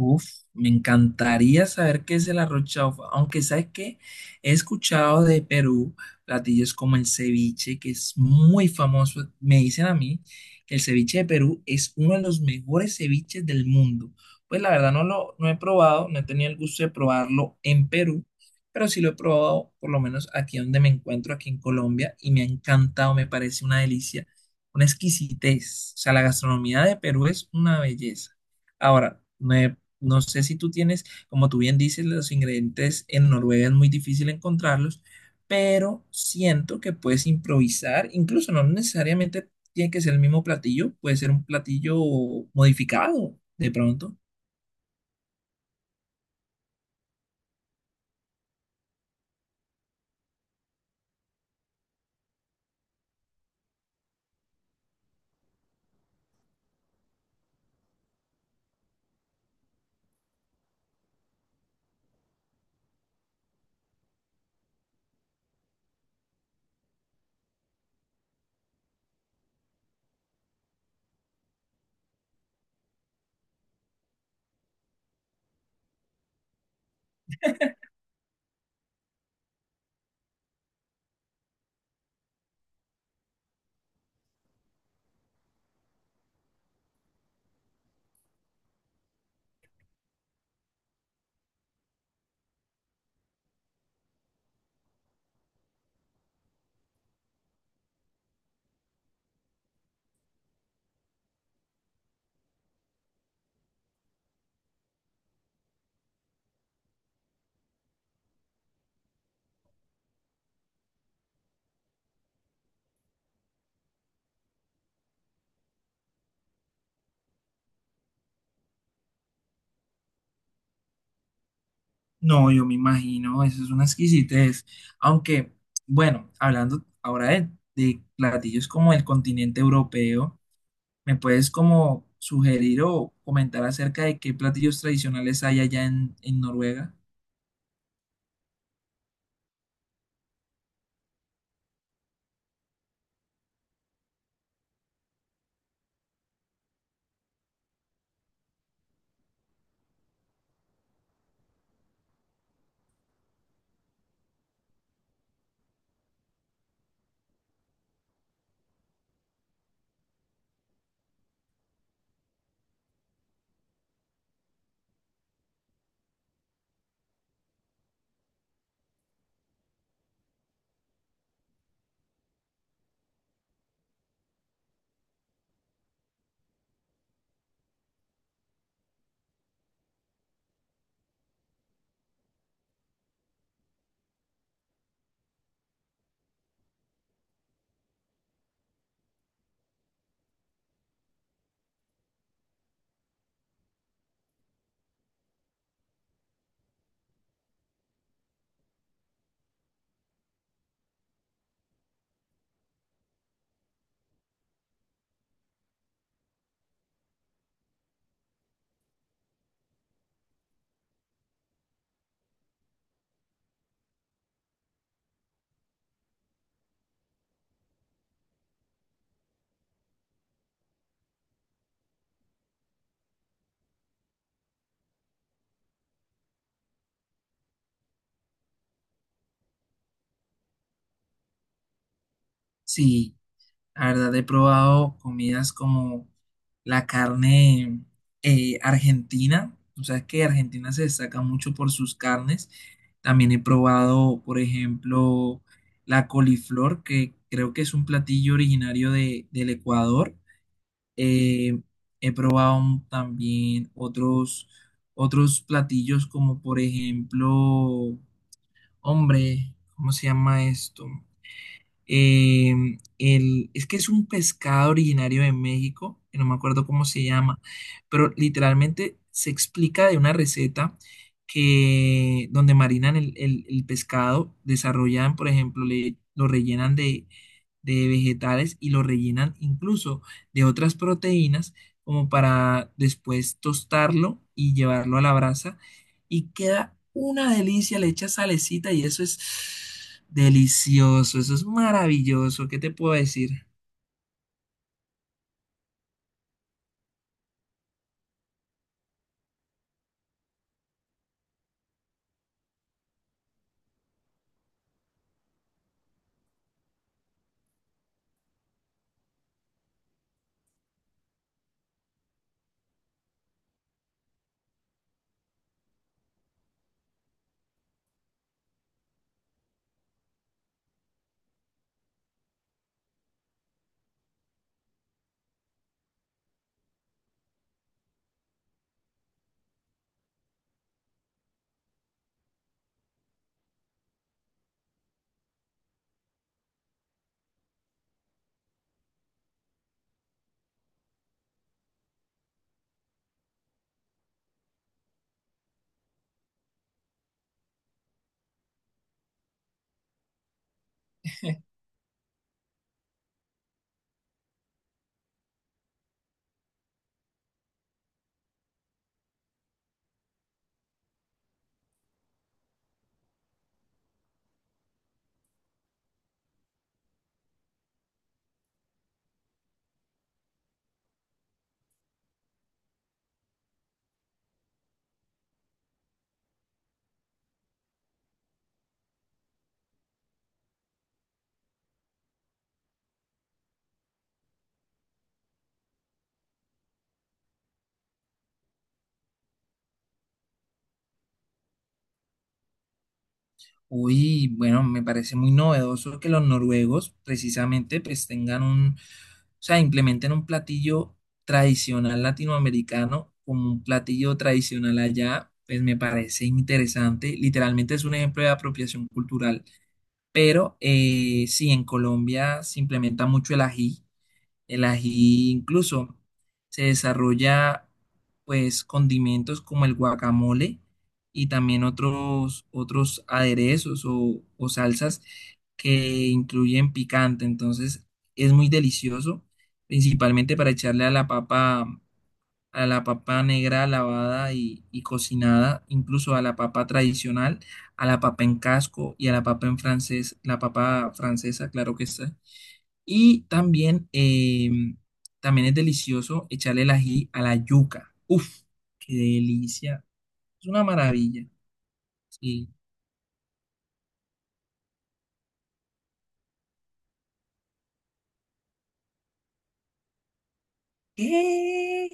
Uf, me encantaría saber qué es el arroz chaufa, aunque sabes que he escuchado de Perú platillos como el ceviche, que es muy famoso. Me dicen a mí que el ceviche de Perú es uno de los mejores ceviches del mundo. Pues la verdad no he probado, no he tenido el gusto de probarlo en Perú, pero sí lo he probado por lo menos aquí donde me encuentro, aquí en Colombia, y me ha encantado, me parece una delicia, una exquisitez. O sea, la gastronomía de Perú es una belleza. Ahora, no sé si tú tienes, como tú bien dices, los ingredientes en Noruega es muy difícil encontrarlos, pero siento que puedes improvisar, incluso no necesariamente tiene que ser el mismo platillo, puede ser un platillo modificado de pronto. No, yo me imagino, eso es una exquisitez. Aunque, bueno, hablando ahora de platillos como el continente europeo, ¿me puedes como sugerir o comentar acerca de qué platillos tradicionales hay allá en Noruega? Sí. La verdad, he probado comidas como la carne argentina. O sea, que Argentina se destaca mucho por sus carnes. También he probado, por ejemplo, la coliflor, que creo que es un platillo originario del Ecuador. Eh, He probado también otros platillos como, por ejemplo, hombre, ¿cómo se llama esto? Eh, el, es que es un pescado originario de México, que no me acuerdo cómo se llama, pero literalmente se explica de una receta que donde marinan el pescado, desarrollan, por ejemplo, lo rellenan de vegetales y lo rellenan incluso de otras proteínas, como para después tostarlo y llevarlo a la brasa, y queda una delicia, le echas salecita y eso es. Delicioso, eso es maravilloso. ¿Qué te puedo decir? Uy, bueno, me parece muy novedoso que los noruegos precisamente pues tengan o sea, implementen un platillo tradicional latinoamericano como un platillo tradicional allá, pues me parece interesante. Literalmente es un ejemplo de apropiación cultural. Pero sí, en Colombia se implementa mucho el ají. El ají incluso se desarrolla pues condimentos como el guacamole y también otros aderezos o salsas que incluyen picante. Entonces es muy delicioso, principalmente para echarle a la papa negra lavada y cocinada, incluso a la papa tradicional, a la papa en casco y a la papa en francés, la papa francesa, claro que está. Y también, también es delicioso echarle el ají a la yuca. Uf, qué delicia. Es una maravilla. Sí. ¿Qué?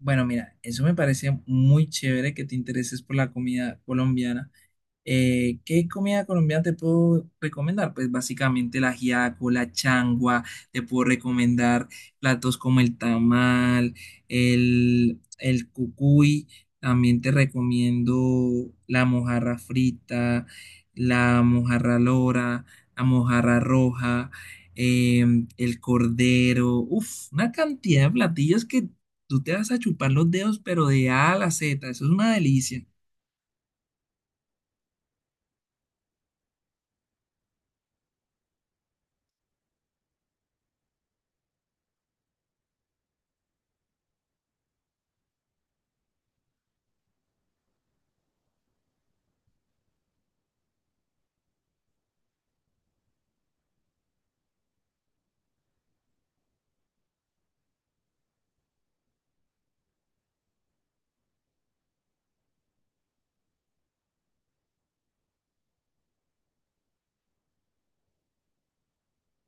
Bueno, mira, eso me parece muy chévere que te intereses por la comida colombiana. ¿Qué comida colombiana te puedo recomendar? Pues básicamente la ajiaco, la changua, te puedo recomendar platos como el tamal, el cucuy, también te recomiendo la mojarra frita, la mojarra lora, la mojarra roja, el cordero, uf, una cantidad de platillos que tú te vas a chupar los dedos, pero de A a la Z, eso es una delicia,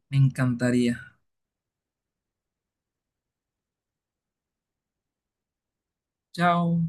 me encantaría. Chao.